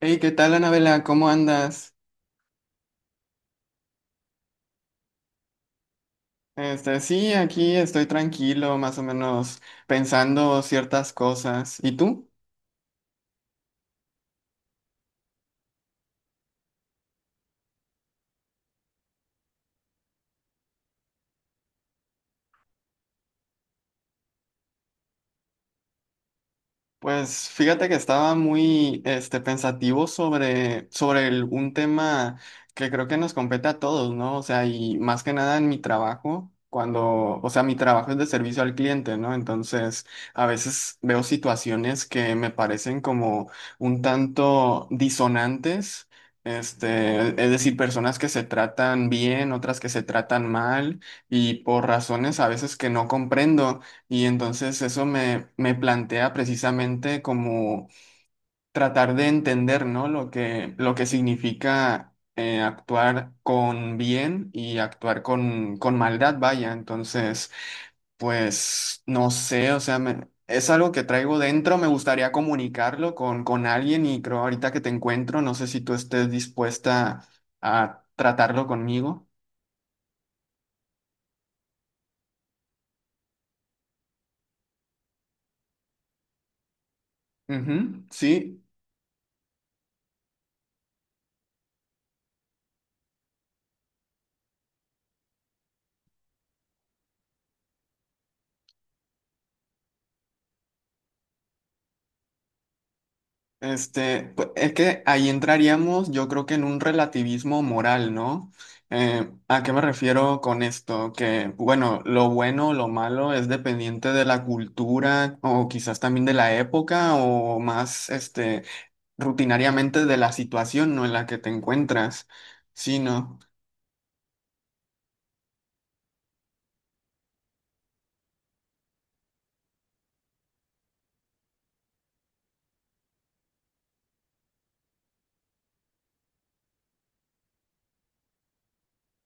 Hey, ¿qué tal, Anabela? ¿Cómo andas? Sí, aquí estoy tranquilo, más o menos pensando ciertas cosas. ¿Y tú? Pues fíjate que estaba muy pensativo sobre un tema que creo que nos compete a todos, ¿no? O sea, y más que nada en mi trabajo, cuando, o sea, mi trabajo es de servicio al cliente, ¿no? Entonces, a veces veo situaciones que me parecen como un tanto disonantes. Es decir, personas que se tratan bien, otras que se tratan mal, y por razones a veces que no comprendo. Y entonces me plantea precisamente como tratar de entender, ¿no? Lo que significa actuar con bien y actuar con maldad, vaya. Entonces, pues no sé, o sea, es algo que traigo dentro, me gustaría comunicarlo con alguien y creo ahorita que te encuentro, no sé si tú estés dispuesta a tratarlo conmigo. Ujú, sí. Es que ahí entraríamos, yo creo que en un relativismo moral, ¿no? ¿A qué me refiero con esto? Que, bueno, lo bueno o lo malo es dependiente de la cultura o quizás también de la época o más, rutinariamente de la situación, ¿no? En la que te encuentras, sí, no.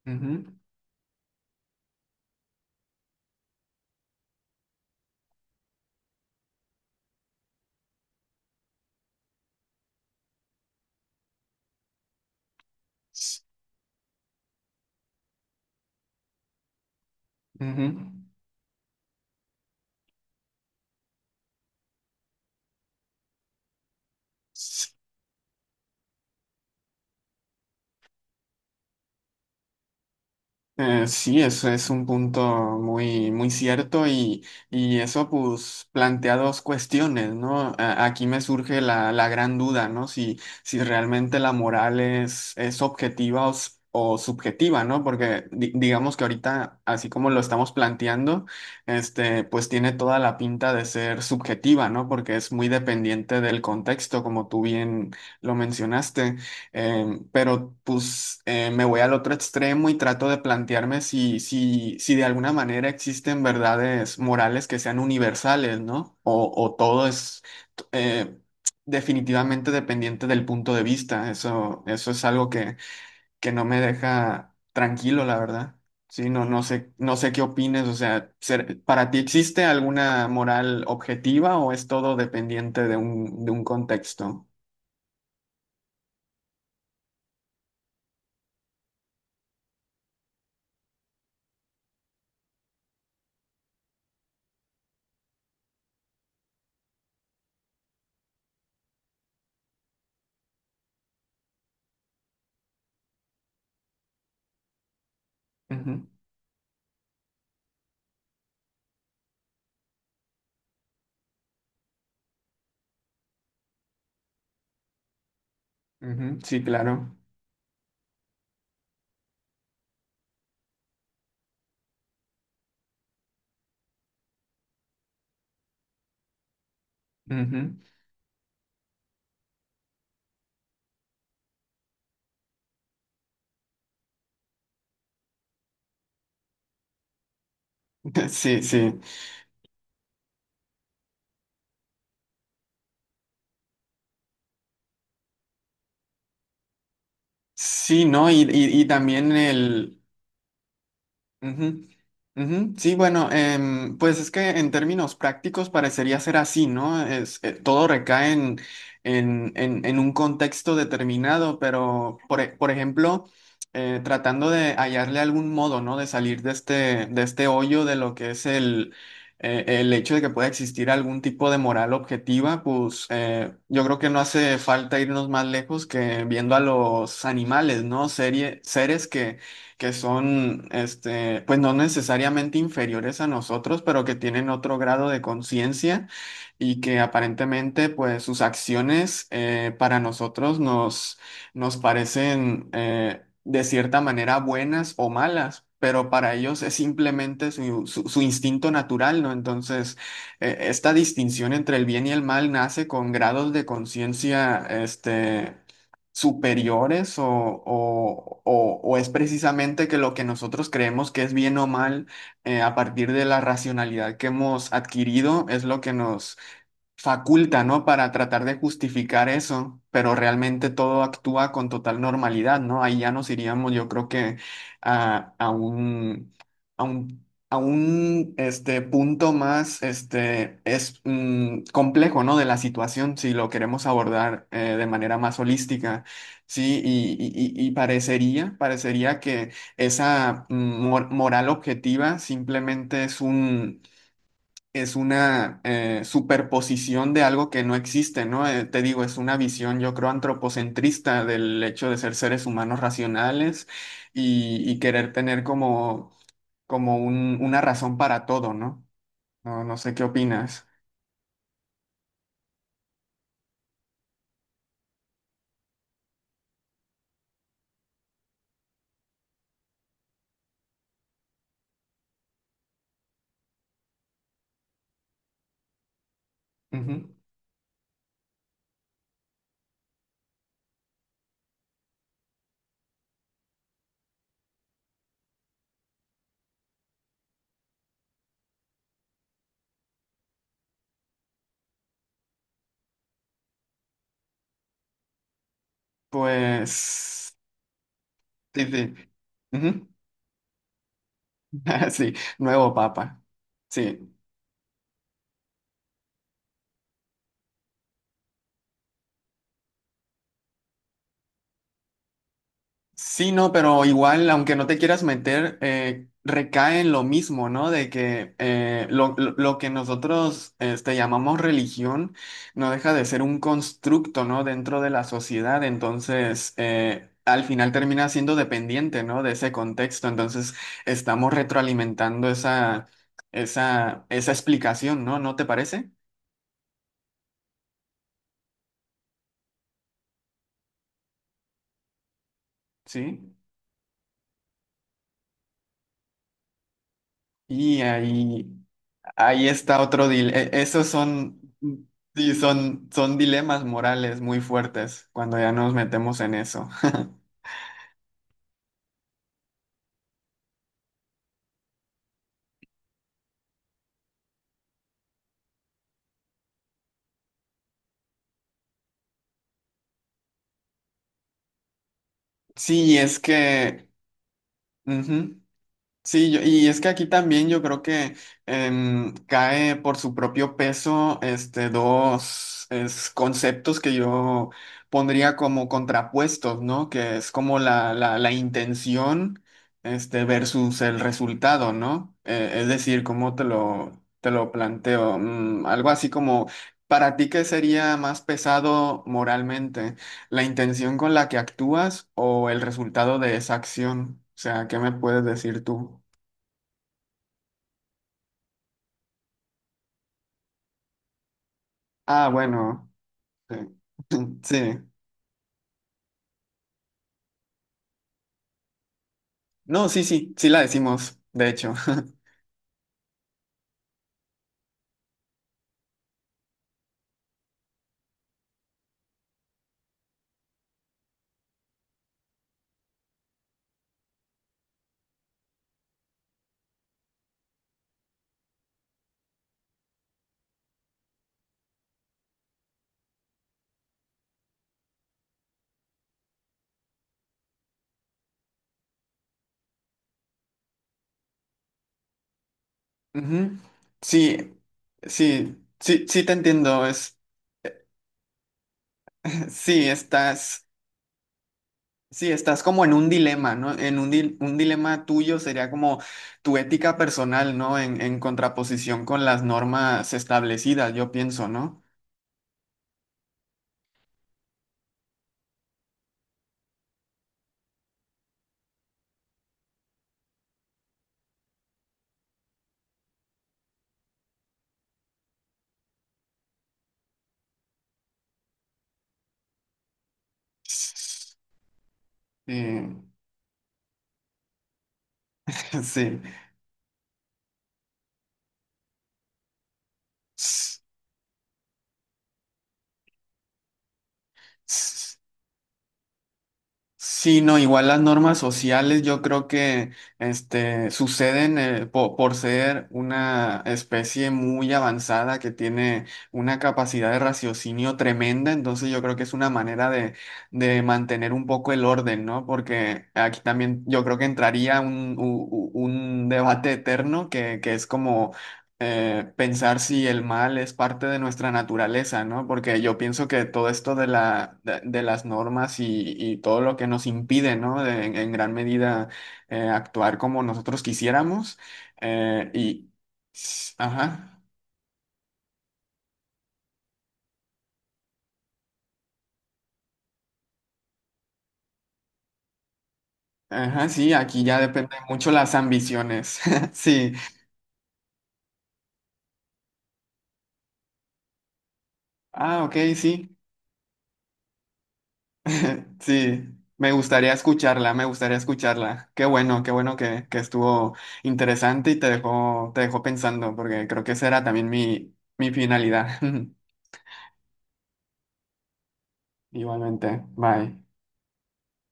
Ujú. Ujú. Sí, eso es un punto muy cierto y eso pues plantea dos cuestiones, ¿no? Aquí me surge la gran duda, ¿no? Si, si realmente la moral es objetiva o o subjetiva, ¿no? Porque digamos que ahorita, así como lo estamos planteando, pues tiene toda la pinta de ser subjetiva, ¿no? Porque es muy dependiente del contexto, como tú bien lo mencionaste. Pero pues me voy al otro extremo y trato de plantearme si de alguna manera existen verdades morales que sean universales, ¿no? O todo es t- eh, definitivamente dependiente del punto de vista. Eso es algo que no me deja tranquilo, la verdad. Sí, no, no sé, no sé qué opines. O sea, ¿para ti existe alguna moral objetiva o es todo dependiente de un contexto? Ujú, ujú, sí, claro. Ujú. Sí, sí, sí, ¿no? Y, y también el... Ujú, ujú. Sí, bueno, pues es que en términos prácticos parecería ser así, ¿no? Es, todo recae en en- un contexto determinado, pero por ejemplo, tratando de hallarle algún modo, ¿no? De salir de este hoyo de lo que es el hecho de que pueda existir algún tipo de moral objetiva, pues yo creo que no hace falta irnos más lejos que viendo a los animales, ¿no? Seres que son, pues no necesariamente inferiores a nosotros, pero que tienen otro grado de conciencia y que aparentemente, pues sus acciones para nosotros nos parecen de cierta manera buenas o malas. Pero para ellos es simplemente su, su instinto natural, ¿no? Entonces, esta distinción entre el bien y el mal nace con grados de conciencia, superiores o o es precisamente que lo que nosotros creemos que es bien o mal a partir de la racionalidad que hemos adquirido es lo que nos faculta, ¿no? Para tratar de justificar eso, pero realmente todo actúa con total normalidad, ¿no? Ahí ya nos iríamos, yo creo que a, a un, a un punto más complejo, ¿no? De la situación, si lo queremos abordar de manera más holística, ¿sí? Y y parecería, parecería que esa moral objetiva simplemente es una superposición de algo que no existe, ¿no? Te digo, es una visión, yo creo, antropocentrista del hecho de ser seres humanos racionales y querer tener como, una razón para todo, ¿no? No, no sé qué opinas. Ujú. Pues, sí, sí. Ujú. Sí, nuevo papa. Sí. Sí, no, pero igual, aunque no te quieras meter, recae en lo mismo, ¿no? De que lo que nosotros llamamos religión no deja de ser un constructo, ¿no? Dentro de la sociedad, entonces al final termina siendo dependiente, ¿no? De ese contexto, entonces estamos retroalimentando esa explicación, ¿no? ¿No te parece? Sí. Y ahí... Ahí está otro dilema. Esos son, sí, son, son dilemas morales muy fuertes cuando ya nos metemos en eso. Sí, es que ujú. Sí, y es que aquí también yo creo que cae por su propio peso dos conceptos que yo pondría como contrapuestos, ¿no? Que es como la intención versus el resultado, ¿no? Es decir, ¿cómo te lo planteo? Mm, algo así como, ¿para ti qué sería más pesado moralmente? ¿La intención con la que actúas o el resultado de esa acción? O sea, ¿qué me puedes decir tú? Ah, bueno. eh, Sí. No, sí, sí, sí la decimos, de hecho. Ujú. Sí, sí, sí, sí te entiendo. Es, sí, estás, sí, estás como en un dilema, ¿no? Un dilema tuyo sería como tu ética personal, ¿no? En contraposición con las normas establecidas, yo pienso, ¿no? Sí, sí. Sí, no, igual las normas sociales yo creo que suceden por ser una especie muy avanzada que tiene una capacidad de raciocinio tremenda, entonces yo creo que es una manera de mantener un poco el orden, ¿no? Porque aquí también yo creo que entraría un debate eterno que es como pensar si el mal es parte de nuestra naturaleza, ¿no? Porque yo pienso que todo esto de de las normas y todo lo que nos impide, ¿no? En gran medida actuar como nosotros quisiéramos. eh, y, ajá, ajá, sí, aquí ya depende mucho las ambiciones. Sí. Ah, ok, sí. Sí, me gustaría escucharla, me gustaría escucharla. Qué bueno que estuvo interesante y te dejó pensando, porque creo que esa era también mi finalidad. Igualmente, bye.